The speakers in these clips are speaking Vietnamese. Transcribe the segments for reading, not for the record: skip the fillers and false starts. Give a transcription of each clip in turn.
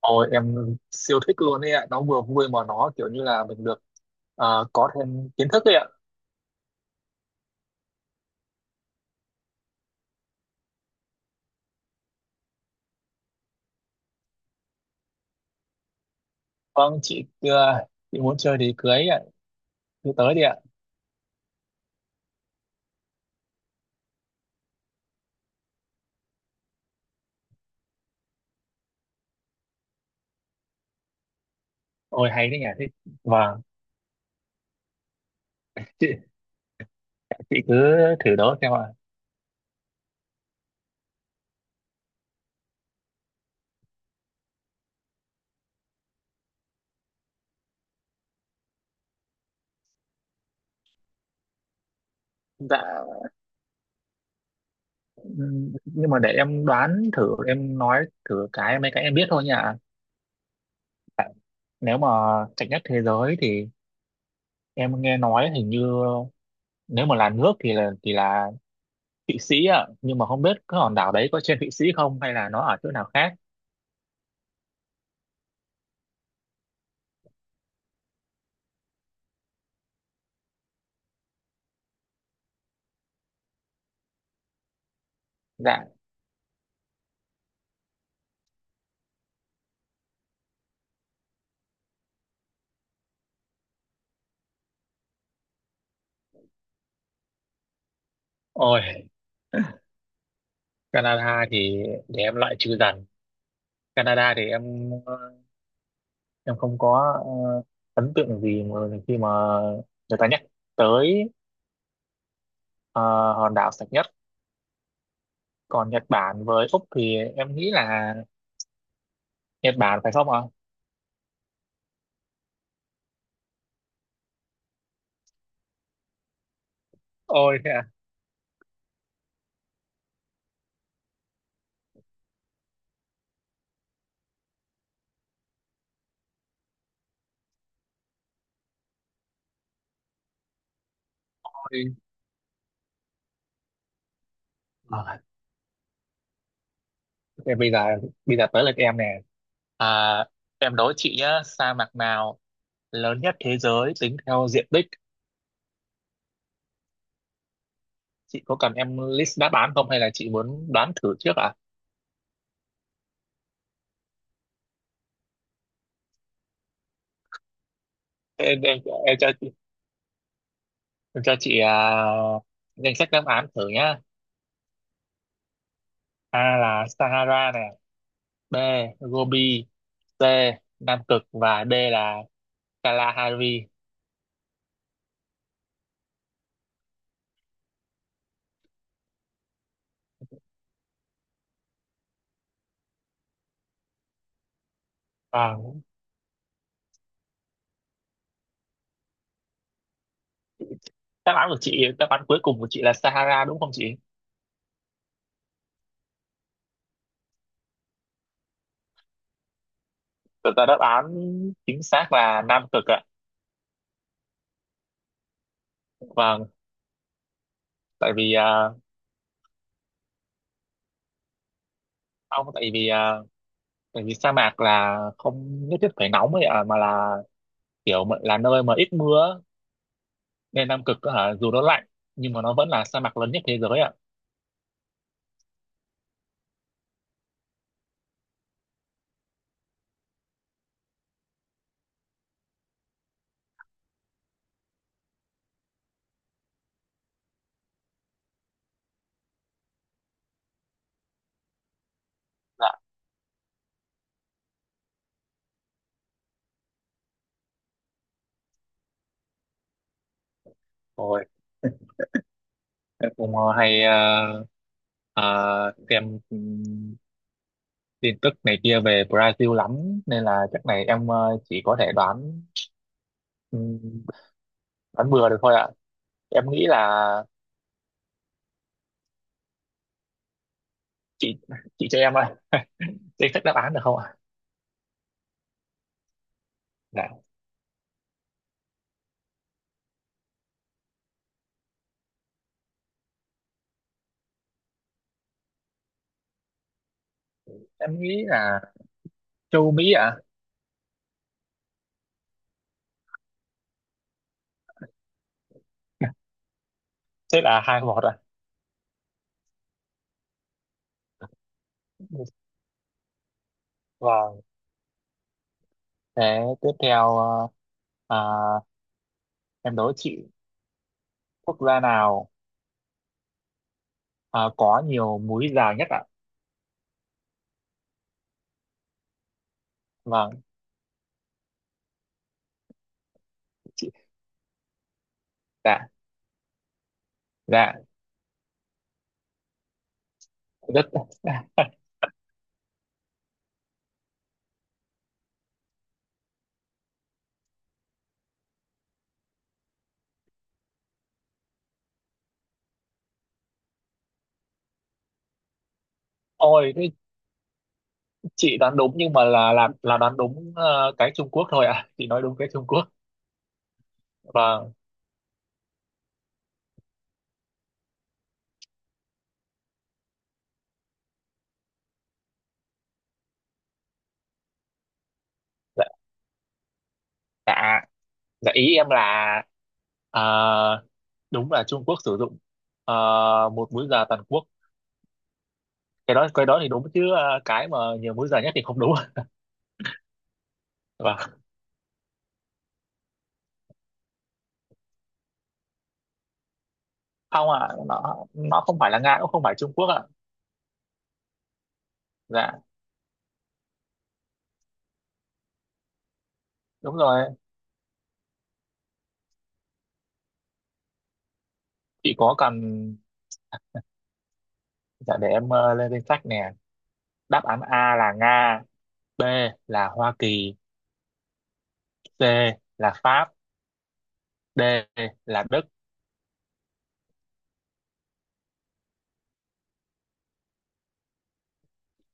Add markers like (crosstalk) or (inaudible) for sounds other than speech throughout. Ôi em siêu thích luôn ấy ạ, nó vừa vui mà nó kiểu như là mình được có thêm kiến thức ấy ạ. Vâng, chị muốn chơi thì cưới ấy ạ, cứ tới đi ạ. Ôi hay đấy nhỉ, thích. Vâng, chị, chị cứ thử đó xem ạ. Dạ, nhưng mà để em đoán thử, em nói thử cái mấy cái em biết thôi nhỉ. Nếu mà chạy nhất thế giới thì em nghe nói hình như nếu mà là nước thì là Thụy Sĩ ạ, nhưng mà không biết cái hòn đảo đấy có trên Thụy Sĩ không hay là nó ở chỗ nào khác. Dạ. Ôi, Canada thì để em loại trừ dần. Canada thì em không có ấn tượng gì mà khi mà người ta nhắc tới ờ, hòn đảo sạch nhất, còn Nhật Bản với Úc thì em nghĩ là Nhật Bản phải không ạ? Ôi thế à. Ôi. Ờ, thế bây giờ tới lượt em nè. à, em đố chị nhá, sa mạc nào lớn nhất thế giới tính theo diện tích? Chị có cần em list đáp án không hay là chị muốn đoán thử trước ạ à? Em, em, em cho Tôi cho chị danh sách đáp án thử nhá. A là Sahara này, B Gobi, C Nam Cực và D là Kalahari. À, đáp án của chị, đáp án cuối cùng của chị là Sahara đúng không chị? Thực ra đáp án chính xác là Nam Cực ạ. Vâng, tại vì à, ông tại vì à, tại vì sa mạc là không nhất thiết phải nóng ấy ạ, mà là là nơi mà ít mưa ấy. Nên Nam Cực á hả, dù nó lạnh nhưng mà nó vẫn là sa mạc lớn nhất thế giới ạ. Dạ. Ôi, em cũng ờ, xem tin tức này kia về Brazil lắm nên là chắc này em chỉ có thể đoán, ừm, đoán bừa được thôi ạ. Em nghĩ là chị chị cho em danh sách đáp án được không ạ? Dạ. Em nghĩ là châu Mỹ ạ. Thế là hai một ạ. Vâng. Thế tiếp theo à, em đố chị quốc gia nào có nhiều múi giờ nhất ạ? Vâng, chị. Dạ. Dạ. Rất (laughs) ôi thế chị đoán đúng nhưng mà là đoán đúng cái Trung Quốc thôi ạ, chị nói đúng cái Trung Quốc. Vâng. Dạ. Dạ dạ ý em là, à, đúng là Trung Quốc sử dụng ờ, một múi giờ toàn quốc, cái đó thì đúng, chứ cái mà nhiều múi giờ nhất thì không đúng. (laughs) Vâng. Không ạ, nó không phải là Nga cũng không phải Trung Quốc ạ. Dạ đúng rồi. Chị có cần? Dạ để em lên danh sách nè. Đáp án A là Nga, B là Hoa Kỳ, C là Pháp, D là Đức.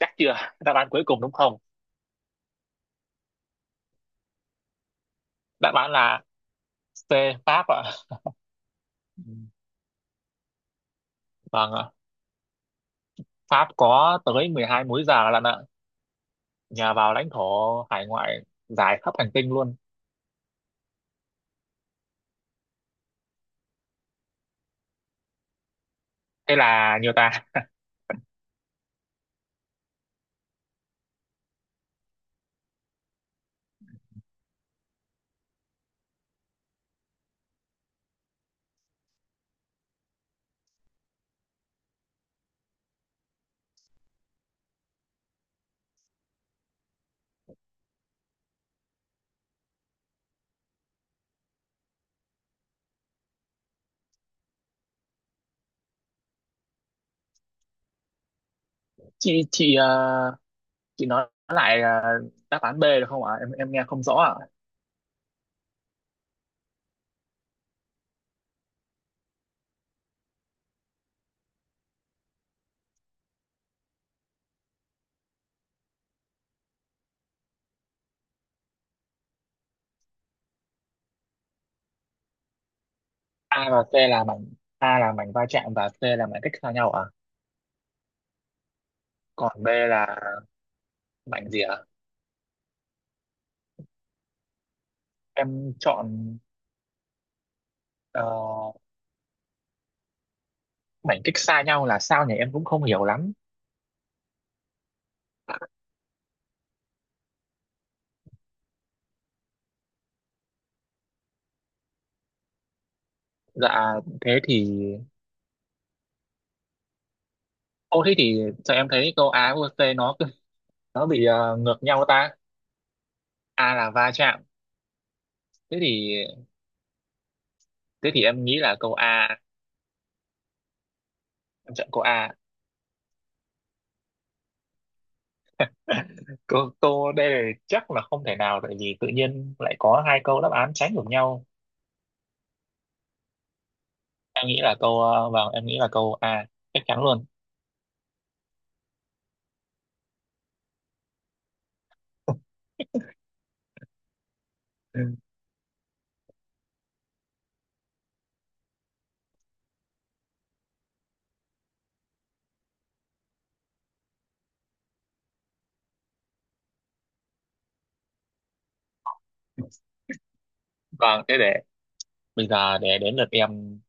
Chắc chưa, đáp án cuối cùng đúng không? Đáp án là C, Pháp ạ. Ừ, vâng ạ. Pháp có tới 12 múi giờ lận ạ, nhờ vào lãnh thổ hải ngoại dài khắp hành tinh luôn. Thế là nhiều ta. Chị, chị nói lại đáp án B được không ạ? Em nghe không rõ ạ. A và C là mảnh, A là mảnh va chạm và C là mảnh cách xa nhau ạ, còn B là mảnh gì ạ? Em chọn ờ, mảnh cách xa nhau là sao nhỉ, em cũng không hiểu lắm. Dạ thế thì, ô thế thì sao em thấy câu Á với T nó bị ngược nhau ta? A là va chạm. Thế thì thế thì em nghĩ là câu A, em chọn câu A. (laughs) Câu câu đây là chắc là không thể nào, tại vì tự nhiên lại có hai câu đáp án trái ngược nhau. Em nghĩ là vâng, em nghĩ là câu A chắc chắn luôn. (laughs) Ừ. Vâng, thế để bây giờ để đến lượt em.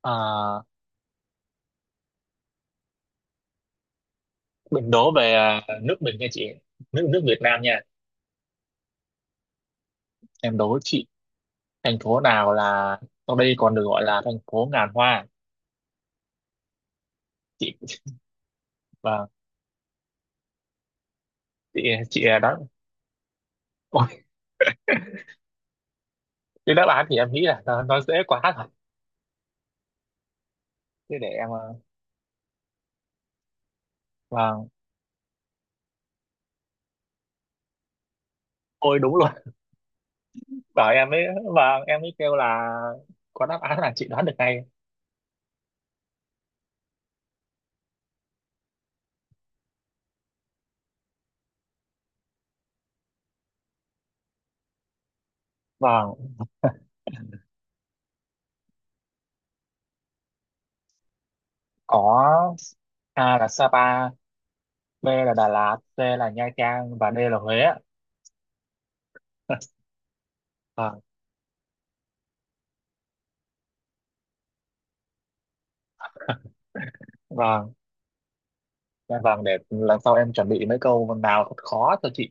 Ờ, mình đố về nước mình nha chị, nước nước Việt Nam nha. Em đố chị thành phố nào là sau đây còn được gọi là thành phố ngàn hoa. Chị. Và chị chị đó, ôi, cái đáp án thì em nghĩ là nó dễ quá rồi. Thế để em vâng, ôi đúng luôn. (laughs) Bảo em ấy, vâng, em ấy kêu là có đáp án là chị đoán được ngay. Vâng. Có, A là Sapa, B là Đà Lạt, C là Nha Trang và D là Huế (laughs) ạ. Vâng. Vâng, dạ vâng, để lần sau em chuẩn bị mấy câu nào thật khó cho chị.